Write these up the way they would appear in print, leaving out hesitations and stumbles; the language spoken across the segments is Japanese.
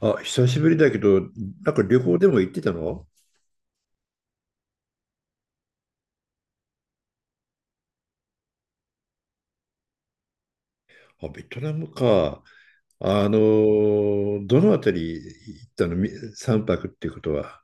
あ、久しぶりだけど、なんか旅行でも行ってたの？あ、ベトナムか。どのあたり行ったのみ泊っていうことは？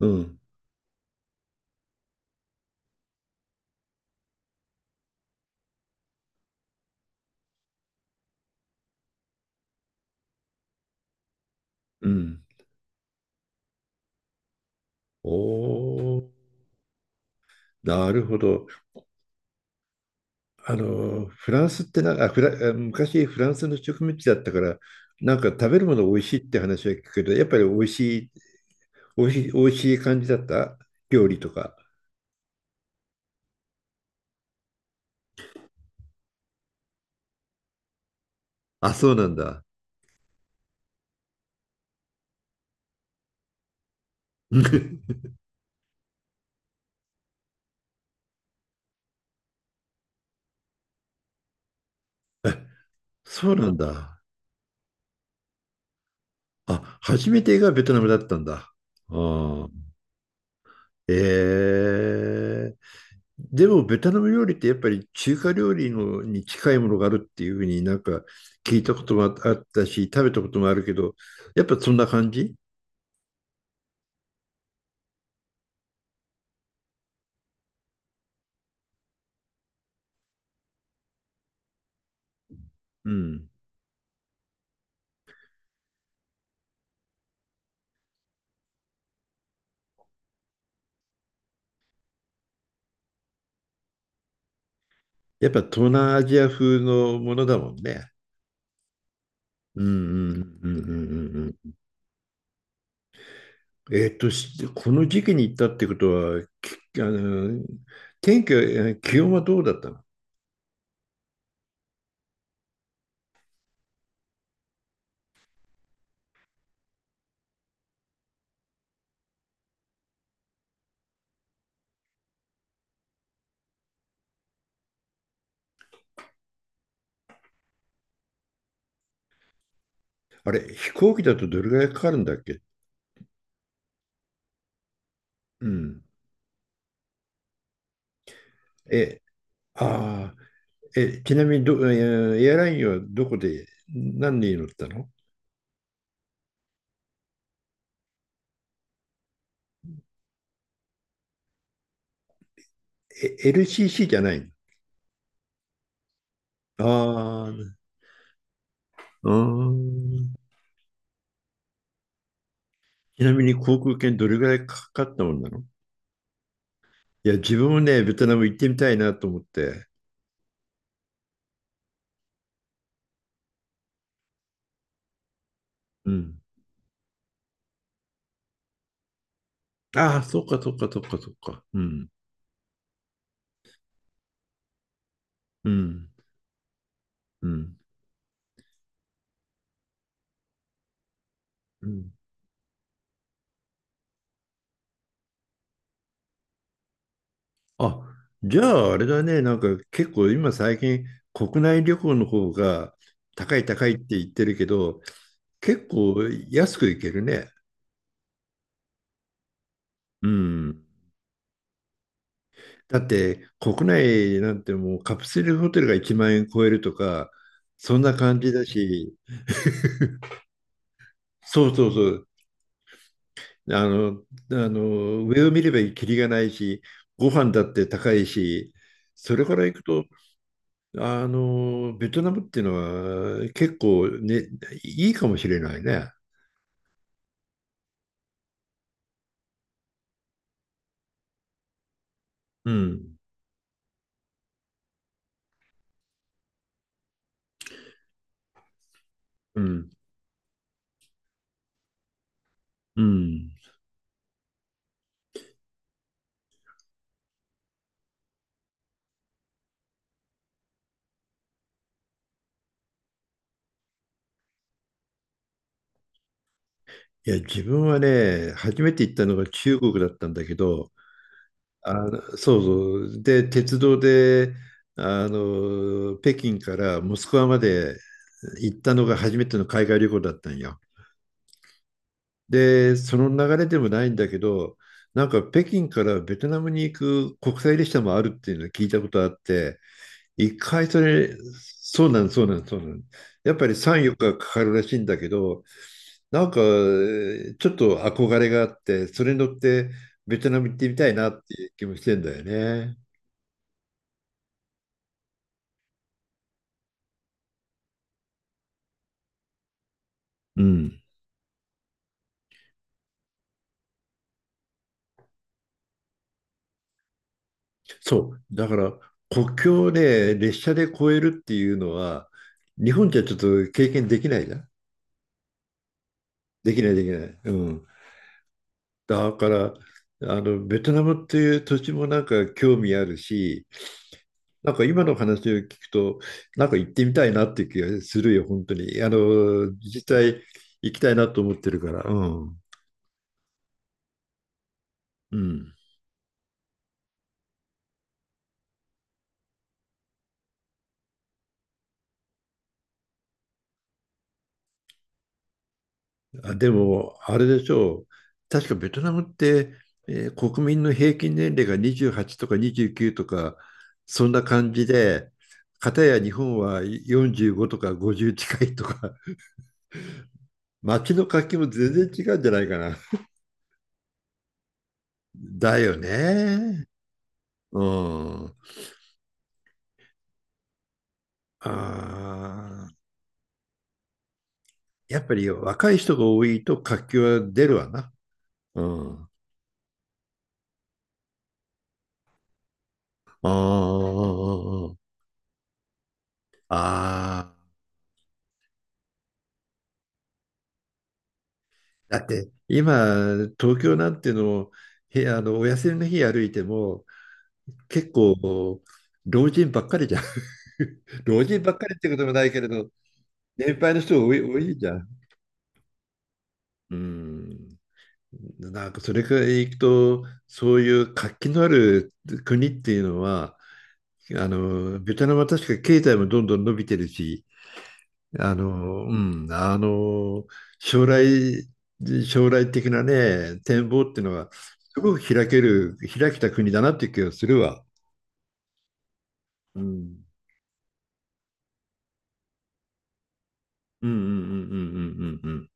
うん、うん。おー、なるほど。フランスってな、あ、フラ、あ昔フランスの植民地だったから、なんか食べるもの美味しいって話は聞くけど、やっぱりい、美味しい感じだった料理とか？あ、そうなんだ。あそうなんだ。あ、初めてがベトナムだったんだ。ああ。ええ。でも、ベトナム料理ってやっぱり中華料理のに近いものがあるっていうふうになんか聞いたこともあったし、食べたこともあるけど、やっぱそんな感じ？うん。やっぱ東南アジア風のものだもんね。うんうんうんうんうんうん。この時期に行ったってことは、きあの、天気は、気温はどうだったの？あれ、飛行機だとどれぐらいかかるんだっけ？うん。え、ああ、え、ちなみにど、えーエアラインはどこで、何で乗ったの？え、LCC じゃないの？ああ、うーん。ちなみに航空券どれぐらいかかったもんなの？いや、自分もね、ベトナム行ってみたいなと思って。うん。ああ、そうか、そうか、そうか、そうか。うん、うん、うん、うん。あ、じゃああれだね、なんか結構今最近国内旅行の方が高い高いって言ってるけど、結構安く行けるね。うん。だって国内なんてもうカプセルホテルが1万円超えるとか、そんな感じだし、そうそうそう、あの、上を見ればキリがないし、ご飯だって高いし、それから行くとベトナムっていうのは結構ね、いいかもしれないね。うん、うん、うん。いや、自分はね、初めて行ったのが中国だったんだけど、そうそう。で、鉄道で、北京からモスクワまで行ったのが初めての海外旅行だったんよ。で、その流れでもないんだけど、なんか北京からベトナムに行く国際列車もあるっていうのを聞いたことあって、一回それ、そうなん、そうなん、そうなん。やっぱり3、4日かかかるらしいんだけど、なんか、えちょっと憧れがあって、それに乗ってベトナム行ってみたいなっていう気もしてんだよね。うん。そう。だから、国境をね、列車で越えるっていうのは、日本じゃちょっと経験できないじゃん？できない、できない。うん。だから、ベトナムっていう土地もなんか興味あるし、なんか今の話を聞くと、なんか行ってみたいなっていう気がするよ、本当に。実際行きたいなと思ってるから。うん。うん。あ、でも、あれでしょう。確かベトナムって、国民の平均年齢が28とか29とか、そんな感じで、片や日本は45とか50近いとか、街の活気も全然違うんじゃないかな。だよね。うん。ああ。やっぱり若い人が多いと活気は出るわな。うん。ああ、ああ。だって今、東京なんての、お休みの日歩いても、結構、老人ばっかりじゃん。老人ばっかりってこともないけれど、年配の人が多いじゃん。うん。なんかそれからいくと、そういう活気のある国っていうのは、ベトナムは確か経済もどんどん伸びてるし、うん、将来、将来的なね、展望っていうのが、すごく開けた国だなっていう気がするわ。うん。うんうんうんうんうんうんうん。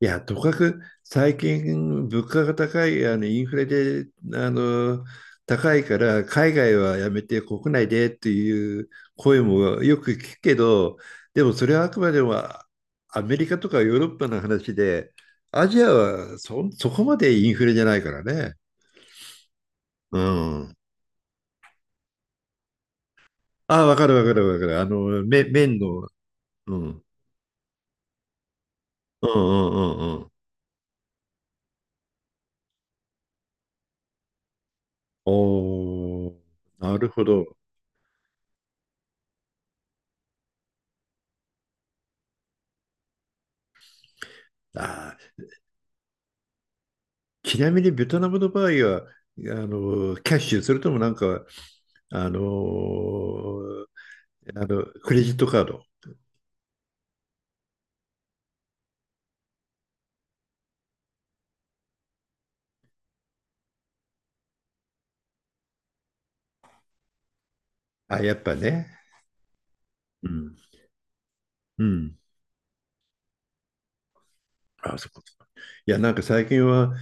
いや、とかく最近物価が高い、インフレで、あの、高いから海外はやめて国内でっていう声もよく聞くけど、でもそれはあくまでもアメリカとかヨーロッパの話で、アジアはそこまでインフレじゃないからね。うん。ああ、わかるわかるわかる。麺の、うん。うんうんうんうん。おー、なるほど。ああ。ちなみにベトナムの場合は、キャッシュ、それともなんか、あのクレジットカード。あ、やっぱね。うん。うん。あ、そうか。いや、なんか最近は、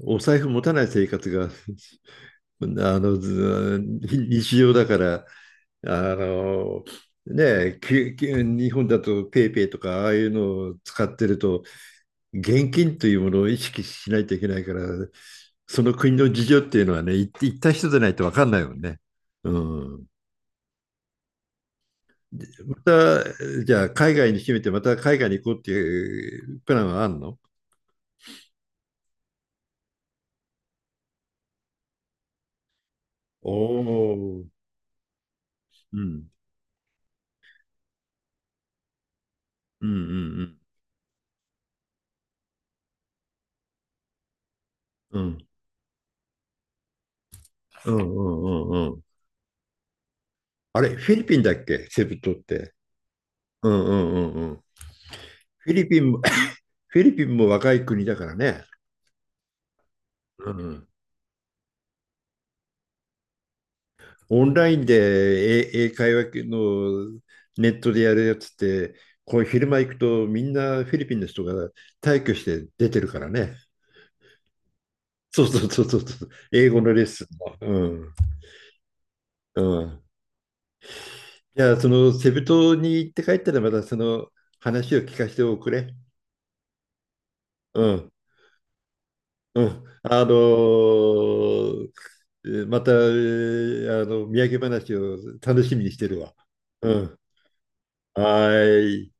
お財布持たない生活が、あの、ず日常だから、あの、ねえ、日本だとペイペイとかああいうのを使ってると、現金というものを意識しないといけないから、その国の事情っていうのはね、行った人でないと分かんないもんね。うん。でまた、じゃあ海外に決めて、また海外に行こうっていうプランはあるの？おおー。うん。うんうんうん。うんうんうんうんうん。あれ、フィリピンだっけセブ島って？うんうんうんうん。フィリピンも、フィリピンも若い国だからね。うん。オンラインで英会話のネットでやるやつって、こう昼間行くとみんなフィリピンの人が退去して出てるからね。そうそうそうそうそう。英語のレッスンの。うん。うん。じゃあ、そのセブ島に行って帰ったらまたその話を聞かせておくれ。うん。うん。また、土産話を楽しみにしてるわ。うん。はーい。